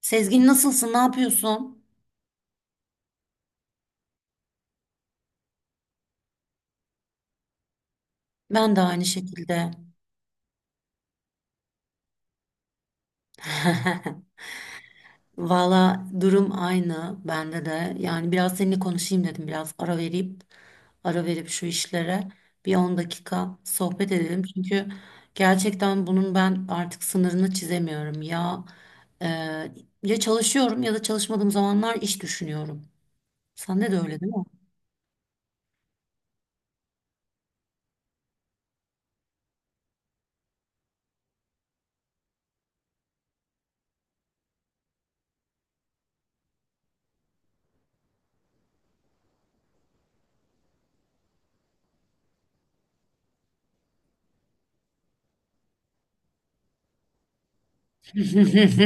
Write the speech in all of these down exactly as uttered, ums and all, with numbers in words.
Sezgin nasılsın? Ne yapıyorsun? Ben de aynı şekilde. Valla durum aynı bende de. Yani biraz seninle konuşayım dedim. Biraz ara verip ara verip şu işlere bir on dakika sohbet edelim. Çünkü gerçekten bunun ben artık sınırını çizemiyorum. Ya e, ya çalışıyorum ya da çalışmadığım zamanlar iş düşünüyorum. Sen de öyle değil mi?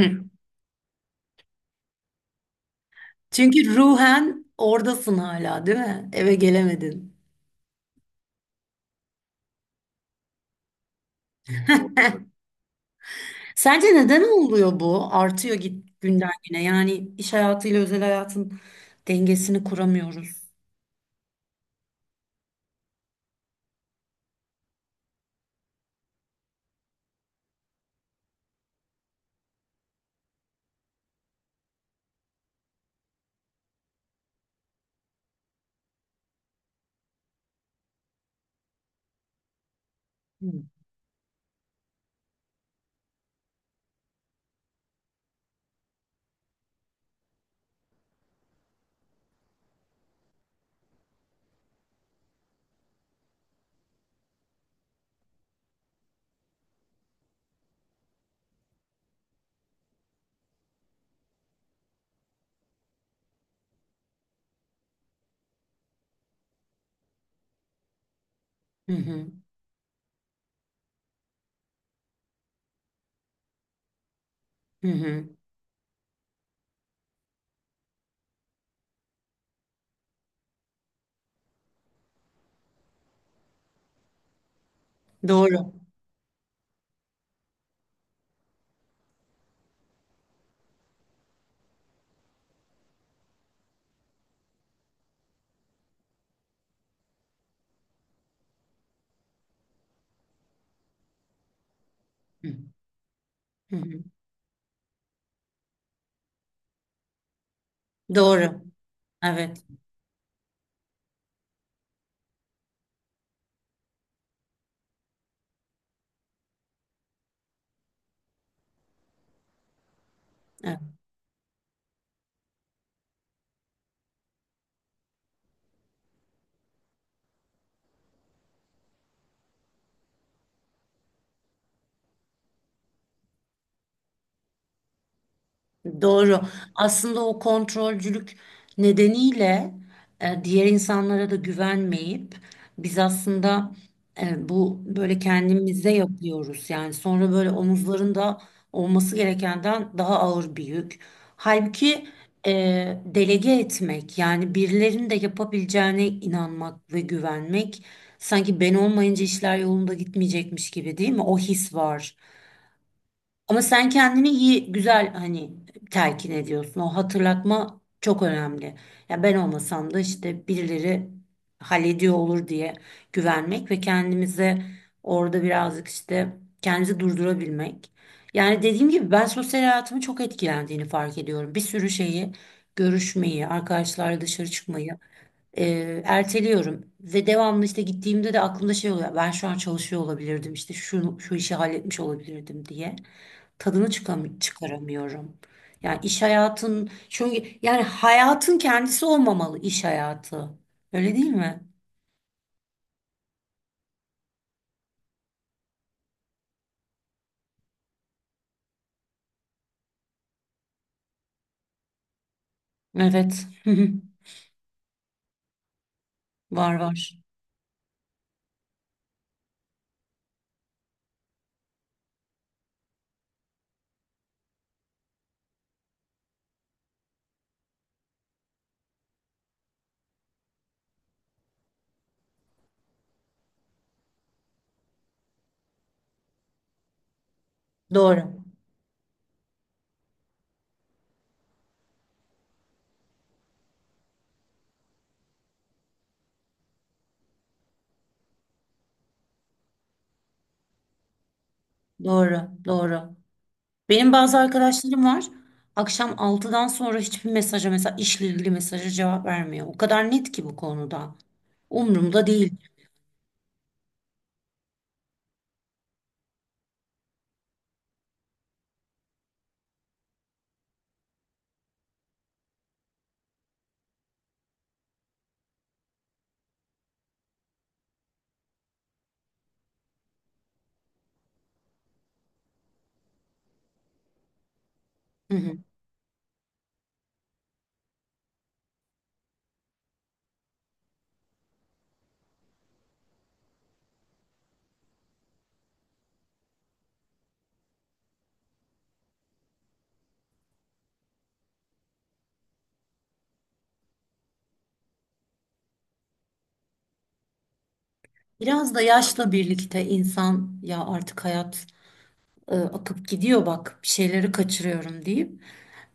Çünkü ruhen oradasın hala, değil mi? Eve gelemedin. Sence neden oluyor bu? Artıyor git günden güne. Yani iş hayatıyla özel hayatın dengesini kuramıyoruz. Hı hı hı. Hı. Doğru. Hı hı. Doğru. Evet. Evet. Doğru. Aslında o kontrolcülük nedeniyle e, diğer insanlara da güvenmeyip biz aslında e, bu böyle kendimize yapıyoruz. Yani sonra böyle omuzlarında olması gerekenden daha ağır bir yük. Halbuki e, delege etmek yani birilerinin de yapabileceğine inanmak ve güvenmek sanki ben olmayınca işler yolunda gitmeyecekmiş gibi değil mi? O his var. Ama sen kendini iyi, güzel hani telkin ediyorsun. O hatırlatma çok önemli. Ya ben olmasam da işte birileri hallediyor olur diye güvenmek ve kendimize orada birazcık işte kendimizi durdurabilmek. Yani dediğim gibi ben sosyal hayatımın çok etkilendiğini fark ediyorum. Bir sürü şeyi görüşmeyi, arkadaşlarla dışarı çıkmayı e, erteliyorum ve devamlı işte gittiğimde de aklımda şey oluyor. Ben şu an çalışıyor olabilirdim işte şu şu işi halletmiş olabilirdim diye tadını çıkam çıkaramıyorum. Yani iş hayatın çünkü yani hayatın kendisi olmamalı iş hayatı. Öyle değil mi? Evet. Var var. Doğru. Doğru. Doğru. Benim bazı arkadaşlarım var. Akşam altıdan sonra hiçbir mesaja mesela işle ilgili mesaja cevap vermiyor. O kadar net ki bu konuda. Umurumda değil. Hı hı. Biraz da yaşla birlikte insan ya artık hayat e, akıp gidiyor bak bir şeyleri kaçırıyorum deyip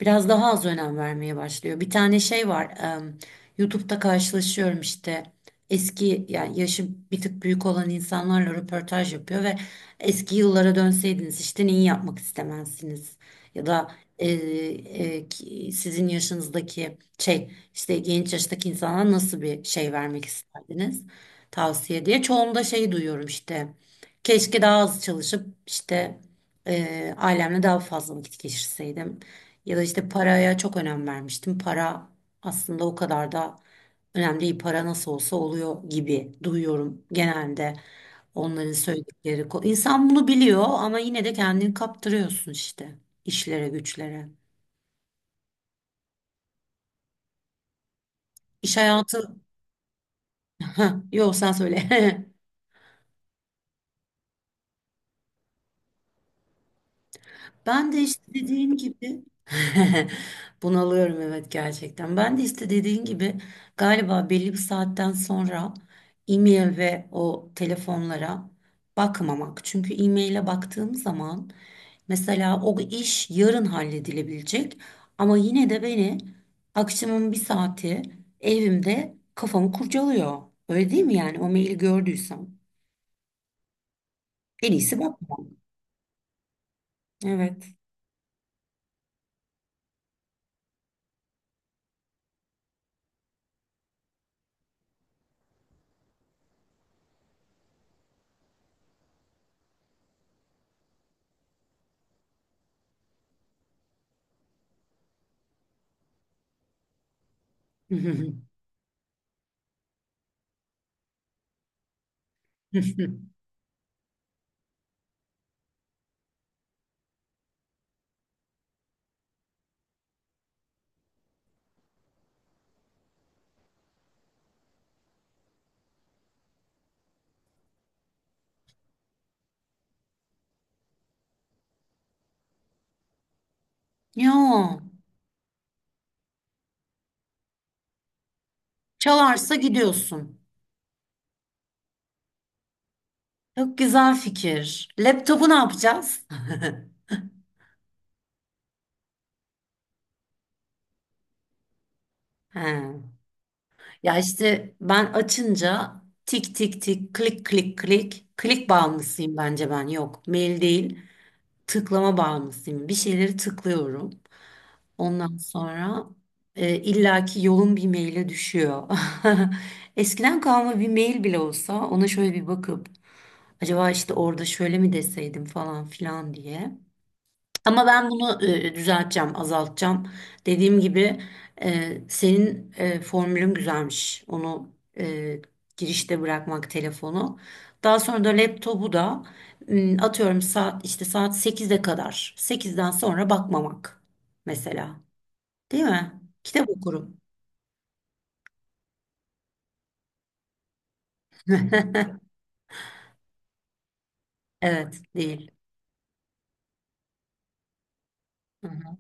biraz daha az önem vermeye başlıyor. Bir tane şey var e, YouTube'da karşılaşıyorum işte eski yani yaşı bir tık büyük olan insanlarla röportaj yapıyor ve eski yıllara dönseydiniz işte neyi yapmak istemezsiniz ya da e, e, ki- sizin yaşınızdaki şey işte genç yaştaki insanlara nasıl bir şey vermek isterdiniz tavsiye diye çoğunda şey duyuyorum işte keşke daha az çalışıp işte Eee, ailemle daha fazla vakit geçirseydim ya da işte paraya çok önem vermiştim. Para aslında o kadar da önemli değil. Para nasıl olsa oluyor gibi duyuyorum genelde onların söyledikleri. ko- İnsan bunu biliyor ama yine de kendini kaptırıyorsun işte işlere güçlere. İş hayatı... Heh, yok sen söyle. Ben de işte dediğin gibi bunalıyorum evet gerçekten. Ben de işte dediğin gibi galiba belli bir saatten sonra e-mail ve o telefonlara bakmamak. Çünkü e-maile baktığım zaman mesela o iş yarın halledilebilecek ama yine de beni akşamın bir saati evimde kafamı kurcalıyor. Öyle değil mi yani o maili gördüysem? En iyisi bakmam. Evet. Ya. Çalarsa gidiyorsun. Çok güzel fikir. Laptopu ne yapacağız? He. Ya işte ben açınca tik tik tik, klik klik klik, klik bağımlısıyım bence ben. Yok, mail değil, tıklama bağımlısıyım. Bir şeyleri tıklıyorum. Ondan sonra e, illaki yolun bir maile düşüyor. Eskiden kalma bir mail bile olsa ona şöyle bir bakıp acaba işte orada şöyle mi deseydim falan filan diye. Ama ben bunu e, düzelteceğim, azaltacağım. Dediğim gibi e, senin e, formülün güzelmiş. Onu e, girişte bırakmak telefonu. Daha sonra da laptopu da m, atıyorum saat işte saat sekize kadar. sekizden sonra bakmamak mesela. Değil mi? Kitap okurum. Evet, değil. Hı hı,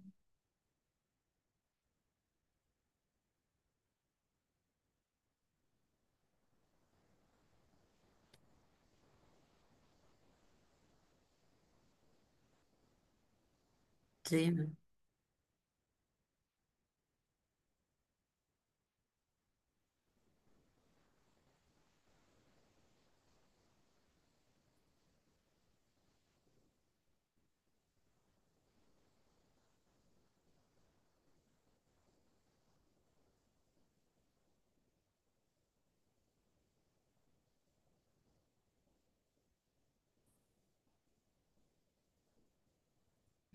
değil mi?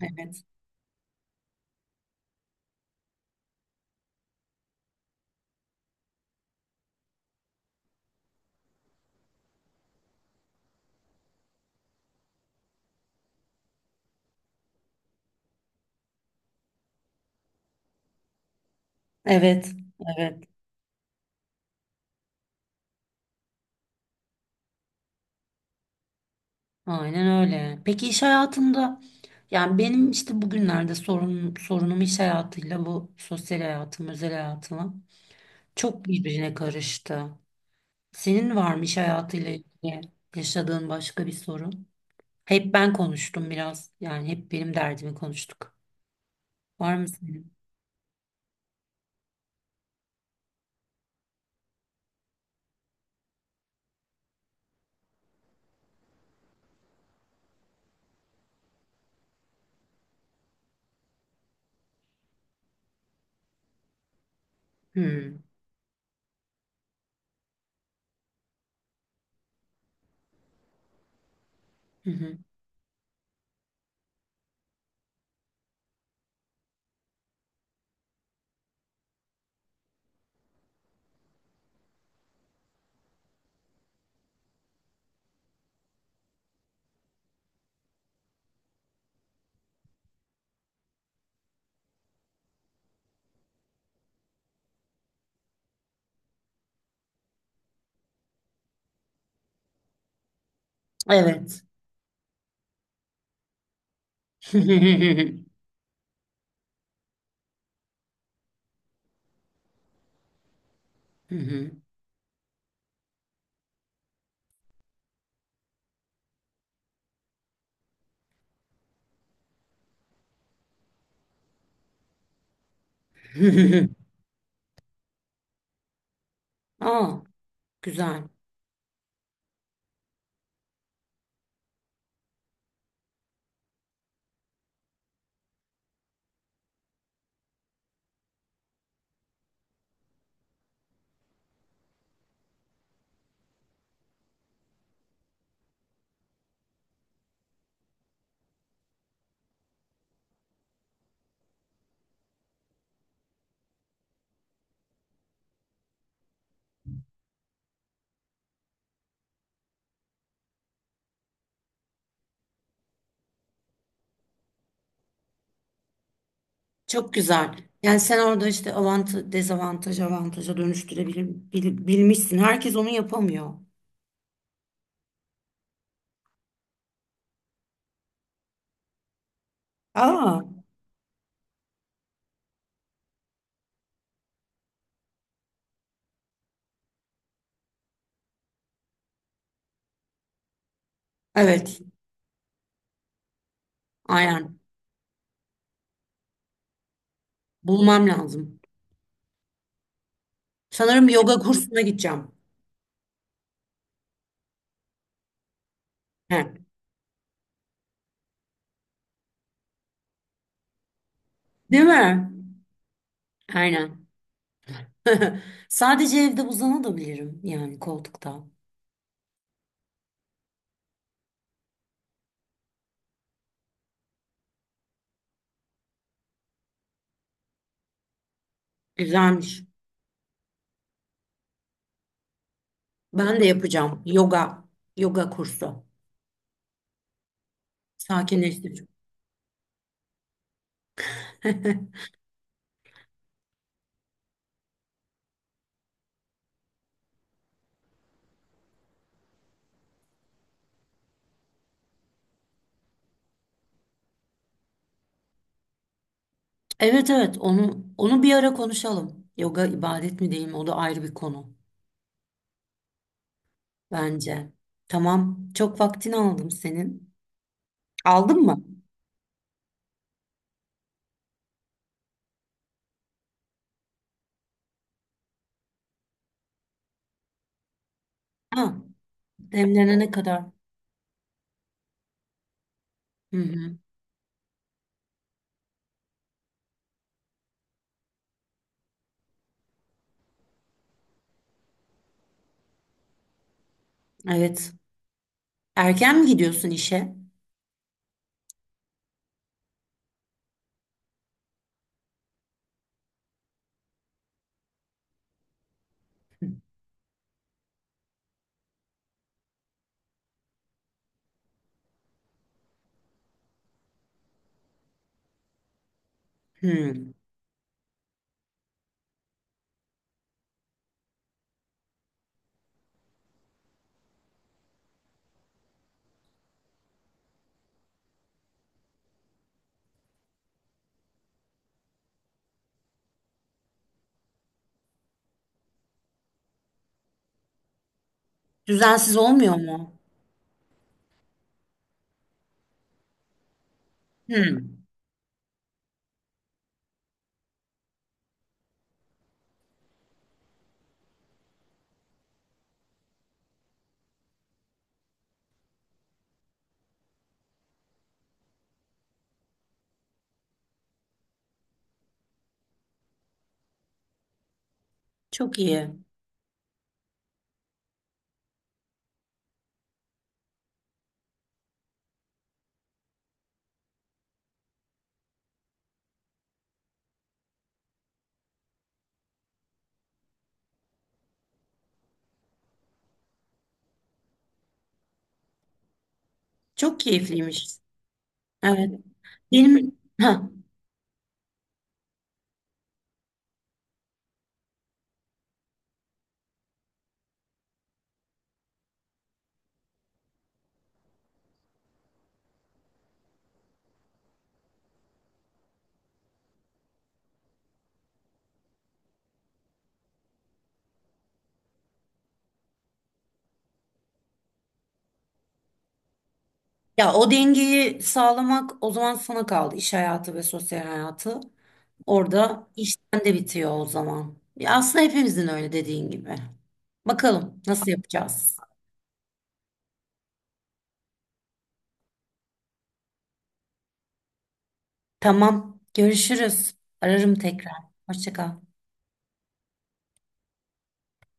Evet. Evet. Evet. Aynen öyle. Peki iş hayatında yani benim işte bugünlerde sorun, sorunum iş hayatıyla bu sosyal hayatım, özel hayatım çok birbirine karıştı. Senin var mı iş hayatıyla ilgili yaşadığın başka bir sorun? Hep ben konuştum biraz. Yani hep benim derdimi konuştuk. Var mı senin? Hmm. Hı hı. Evet. Hı hı. Aa, güzel. Çok güzel. Yani sen orada işte avantaj, dezavantaj avantaja dönüştürebilmişsin. Herkes onu yapamıyor. Aa, evet. Aynen. Bulmam lazım. Sanırım yoga kursuna gideceğim. He. Değil mi? Aynen. Sadece evde uzanabilirim yani koltukta. Güzelmiş. Ben de yapacağım yoga yoga kursu. Sakinleştirici. Evet evet onu onu bir ara konuşalım. Yoga ibadet mi değil mi? O da ayrı bir konu. Bence. Tamam. Çok vaktini aldım senin. Aldın mı? Ha, demlenene kadar. Hı hı. Evet. Erken mi gidiyorsun işe? Hı. Düzensiz olmuyor mu? Hı. Çok iyi. Çok keyifliymiş. Evet. Benim ha. Ya o dengeyi sağlamak o zaman sana kaldı. İş hayatı ve sosyal hayatı. Orada işten de bitiyor o zaman. Ya aslında hepimizin öyle dediğin gibi. Bakalım nasıl yapacağız? Tamam. Görüşürüz. Ararım tekrar. Hoşça kal.